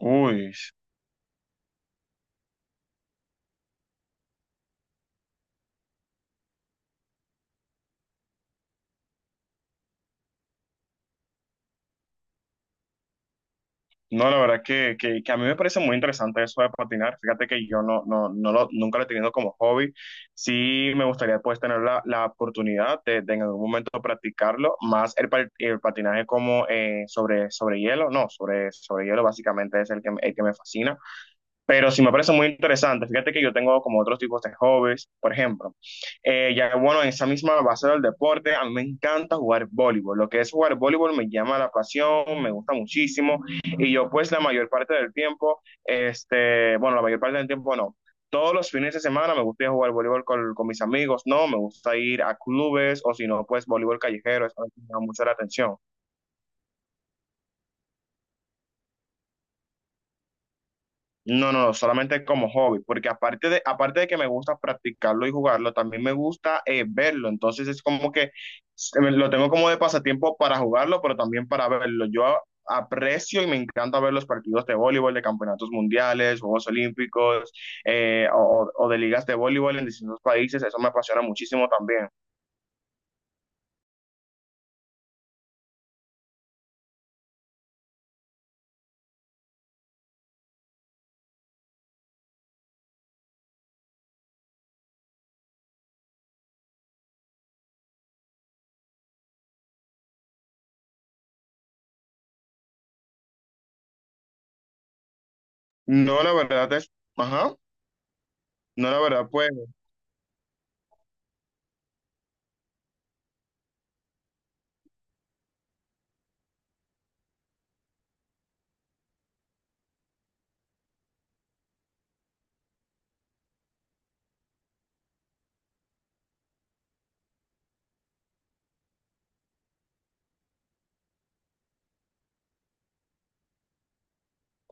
Uy, no, la verdad que a mí me parece muy interesante eso de patinar. Fíjate que yo nunca lo he tenido como hobby. Sí me gustaría pues tener la oportunidad de en algún momento practicarlo, más el patinaje como sobre hielo, no, sobre hielo básicamente es el el que me fascina. Pero sí me parece muy interesante. Fíjate que yo tengo como otros tipos de hobbies, por ejemplo. Ya bueno, en esa misma base del deporte, a mí me encanta jugar voleibol. Lo que es jugar voleibol me llama la pasión, me gusta muchísimo. Y yo pues la mayor parte del tiempo, bueno, la mayor parte del tiempo no. Todos los fines de semana me gusta ir a jugar voleibol con mis amigos, no, me gusta ir a clubes o si no, pues voleibol callejero, eso me llama mucho la atención. No, no, solamente como hobby, porque aparte de que me gusta practicarlo y jugarlo, también me gusta verlo. Entonces es como que lo tengo como de pasatiempo para jugarlo, pero también para verlo. Aprecio y me encanta ver los partidos de voleibol, de campeonatos mundiales, Juegos Olímpicos, o de ligas de voleibol en distintos países. Eso me apasiona muchísimo también. No, la verdad es, ajá, no, la verdad, pues.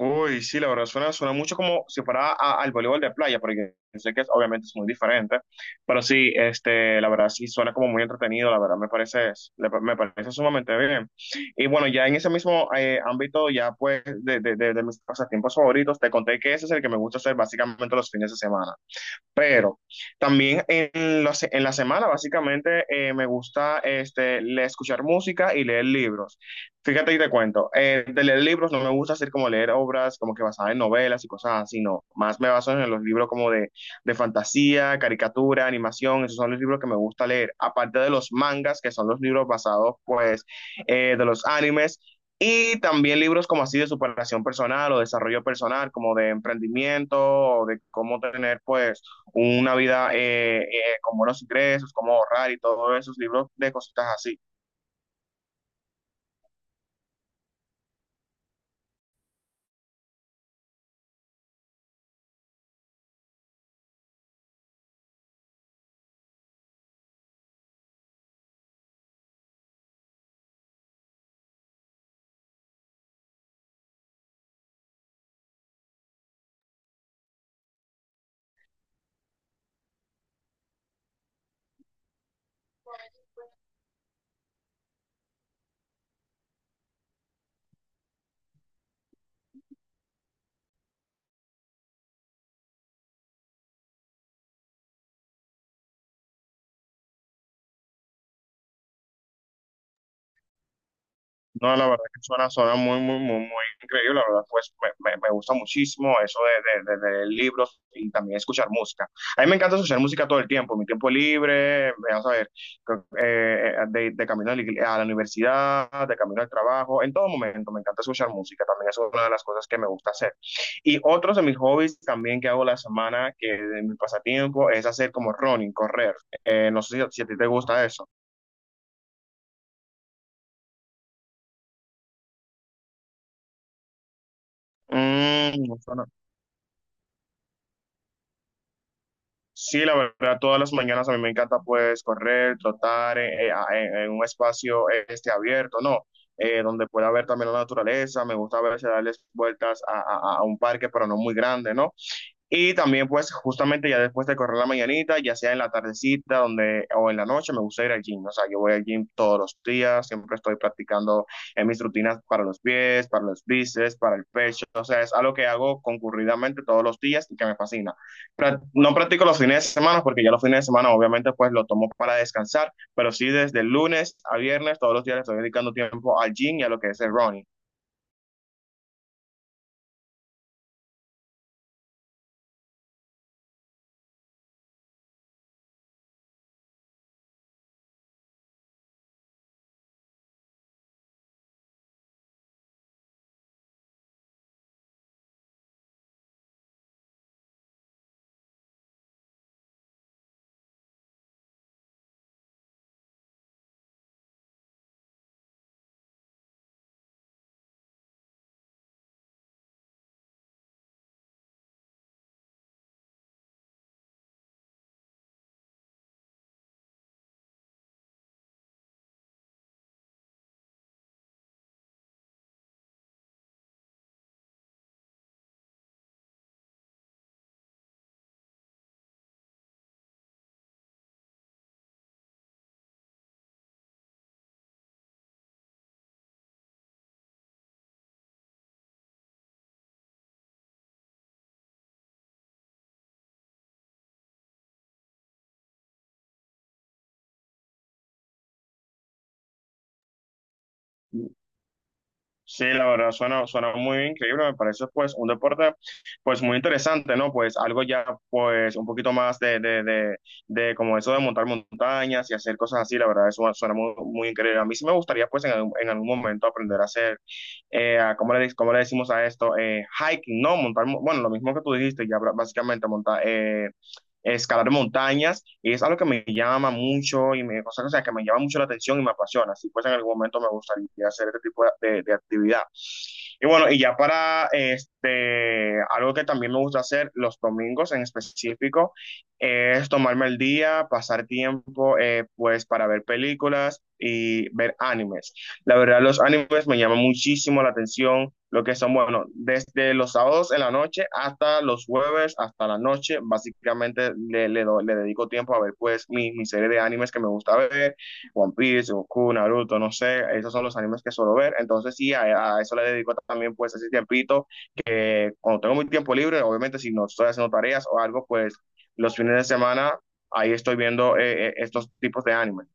Uy, sí, la verdad suena, suena mucho como si fuera al voleibol de playa, porque yo sé que obviamente es muy diferente, pero sí, la verdad sí suena como muy entretenido, la verdad me parece, me parece sumamente bien. Y bueno, ya en ese mismo ámbito, ya pues de mis pasatiempos favoritos, te conté que ese es el que me gusta hacer básicamente los fines de semana. Pero también en la semana, básicamente, me gusta escuchar música y leer libros. Fíjate y te cuento, de leer libros no me gusta hacer como leer obras como que basadas en novelas y cosas así, no. Más me baso en los libros como de fantasía, caricatura, animación, esos son los libros que me gusta leer. Aparte de los mangas, que son los libros basados, pues, de los animes. Y también libros como así de superación personal o desarrollo personal, como de emprendimiento o de cómo tener, pues, una vida con buenos ingresos, cómo ahorrar y todos esos libros de cositas así. No, la verdad que suena, suena muy, muy, muy, muy increíble. La verdad, pues me gusta muchísimo eso de leer libros y también escuchar música. A mí me encanta escuchar música todo el tiempo, en mi tiempo libre, vas a ver, creo que, de camino a a la universidad, de camino al trabajo, en todo momento me encanta escuchar música. También es una de las cosas que me gusta hacer. Y otros de mis hobbies también que hago la semana, que de mi pasatiempo, es hacer como running, correr. No sé si a ti te gusta eso. No suena sí, la verdad, todas las mañanas a mí me encanta pues correr, trotar en un espacio abierto, ¿no? Donde pueda ver también la naturaleza, me gusta a veces darles vueltas a un parque, pero no muy grande, ¿no? Y también, pues, justamente ya después de correr la mañanita, ya sea en la tardecita donde, o en la noche, me gusta ir al gym. O sea, yo voy al gym todos los días, siempre estoy practicando en mis rutinas para los pies, para los bíceps, para el pecho. O sea, es algo que hago concurridamente todos los días y que me fascina. No practico los fines de semana porque ya los fines de semana, obviamente, pues, lo tomo para descansar, pero sí desde el lunes a viernes, todos los días le estoy dedicando tiempo al gym y a lo que es el running. Sí, la verdad suena, suena muy increíble, me parece pues un deporte pues muy interesante, ¿no? Pues algo ya pues un poquito más de como eso de montar montañas y hacer cosas así, la verdad eso suena muy, muy increíble. A mí sí me gustaría pues en algún momento aprender a hacer, ¿cómo cómo le decimos a esto? Hiking, ¿no? Bueno, lo mismo que tú dijiste, básicamente montar, escalar montañas y es algo que me llama mucho y me, o sea, que me llama mucho la atención y me apasiona. Así pues en algún momento me gustaría hacer este tipo de actividad. Y bueno, y ya para este, algo que también me gusta hacer los domingos en específico es tomarme el día, pasar tiempo pues para ver películas y ver animes. La verdad, los animes me llaman muchísimo la atención, lo que son, bueno, desde los sábados en la noche hasta los jueves, hasta la noche, básicamente le dedico tiempo a ver pues mi serie de animes que me gusta ver, One Piece, Goku, Naruto, no sé, esos son los animes que suelo ver, entonces sí, a eso le dedico también pues ese tiempito, que cuando tengo mi tiempo libre, obviamente si no estoy haciendo tareas o algo, pues los fines de semana ahí estoy viendo estos tipos de animes.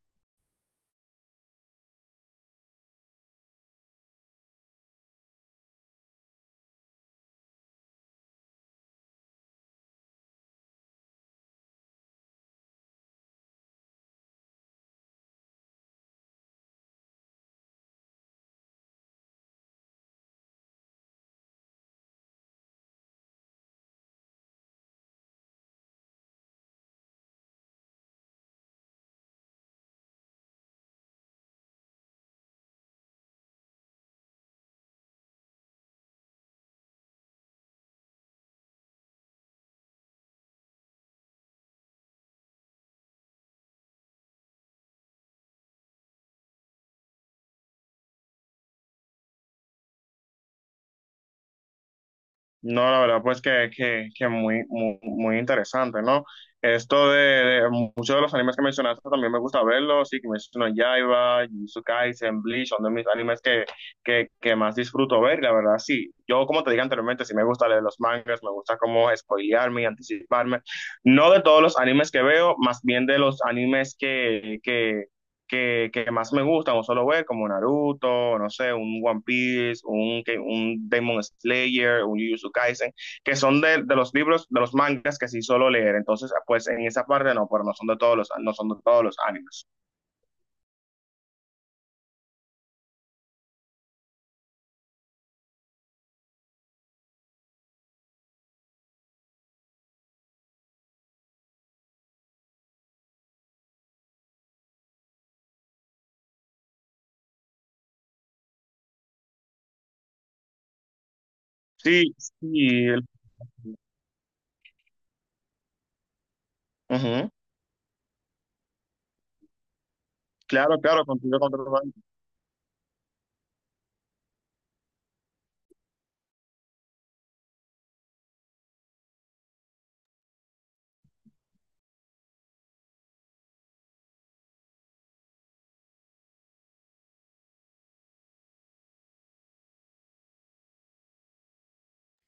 No, la verdad, pues que muy, muy, muy interesante, ¿no? Esto de muchos de los animes que mencionaste también me gusta verlos, sí, que menciono Yaiba, Jujutsu Kaisen, Bleach, son de mis animes que más disfruto ver, y la verdad, sí. Yo, como te dije anteriormente, sí me gusta leer los mangas, me gusta como spoilearme y anticiparme. No de todos los animes que veo, más bien de los animes que más me gustan o solo ver, como Naruto, no sé, un One Piece, un Demon Slayer, un Jujutsu Kaisen, que son de los libros, de los mangas que sí solo leer. Entonces, pues en esa parte no, pero no son de todos los, no son de todos los animes. Sí, sí. Ujú. Claro, claro, contigo,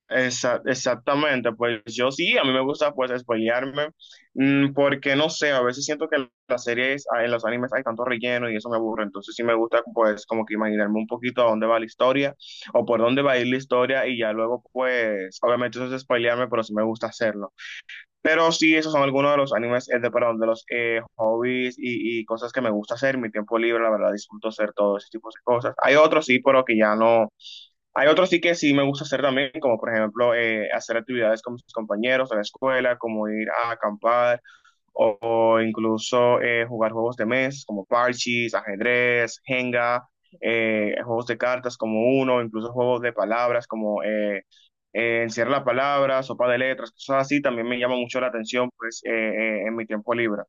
Exactamente, pues yo sí, a mí me gusta pues spoilearme, porque no sé, a veces siento que en las series, ah, en los animes hay tanto relleno y eso me aburre, entonces sí me gusta pues como que imaginarme un poquito a dónde va la historia o por dónde va a ir la historia y ya luego pues, obviamente eso es spoilearme, pero sí me gusta hacerlo. Pero sí, esos son algunos de los animes, perdón, de los hobbies y cosas que me gusta hacer, en mi tiempo libre, la verdad disfruto hacer todo ese tipo de cosas. Hay otros sí, pero que ya no hay otros sí que sí me gusta hacer también, como por ejemplo hacer actividades con mis compañeros de la escuela, como ir a acampar o incluso jugar juegos de mesa como parches, ajedrez, Jenga, juegos de cartas como uno, incluso juegos de palabras como encierra la palabra, sopa de letras, cosas así, también me llama mucho la atención pues en mi tiempo libre.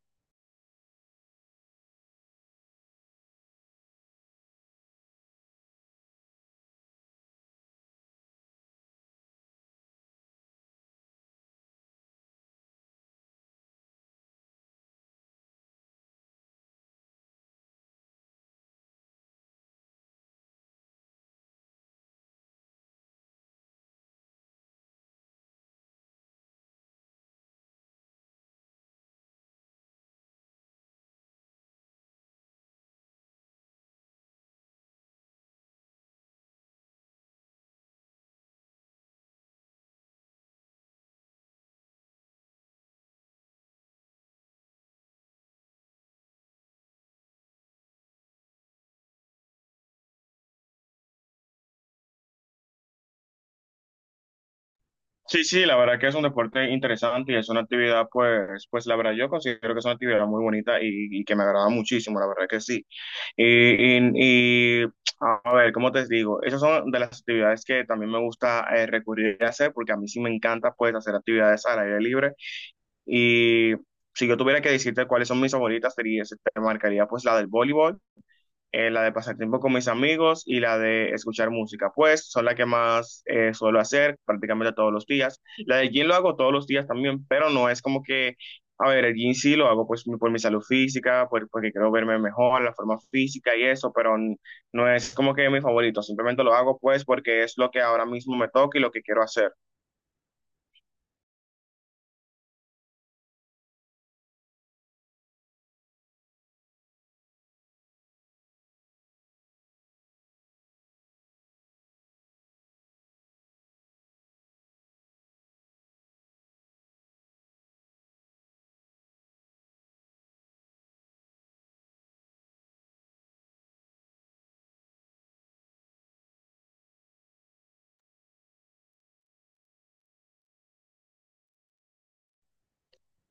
Sí, sí, la verdad que es un deporte interesante y es una actividad, pues, pues la verdad yo considero que es una actividad muy bonita y que me agrada muchísimo, la verdad que sí. Y, y a ver, ¿cómo te digo? Esas son de las actividades que también me gusta recurrir a hacer porque a mí sí me encanta, pues, hacer actividades al aire libre. Y si yo tuviera que decirte cuáles son mis favoritas, sería, te marcaría, pues, la del voleibol la de pasar tiempo con mis amigos y la de escuchar música. Pues son las que más suelo hacer prácticamente todos los días. La del gym lo hago todos los días también, pero no es como que, a ver, el gym sí lo hago pues por mi salud física, porque quiero verme mejor, la forma física y eso, pero no es como que mi favorito. Simplemente lo hago pues porque es lo que ahora mismo me toca y lo que quiero hacer.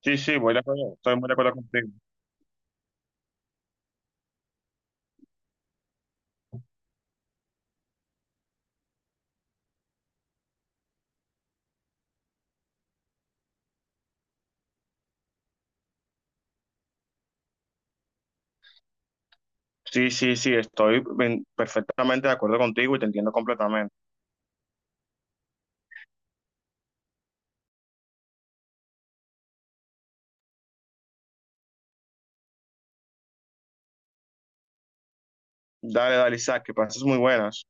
Sí, sí, voy de acuerdo, estoy muy de acuerdo contigo. Sí, sí, sí, estoy perfectamente de acuerdo contigo y te entiendo completamente. Dale, dale, Isaac, que pases muy buenas.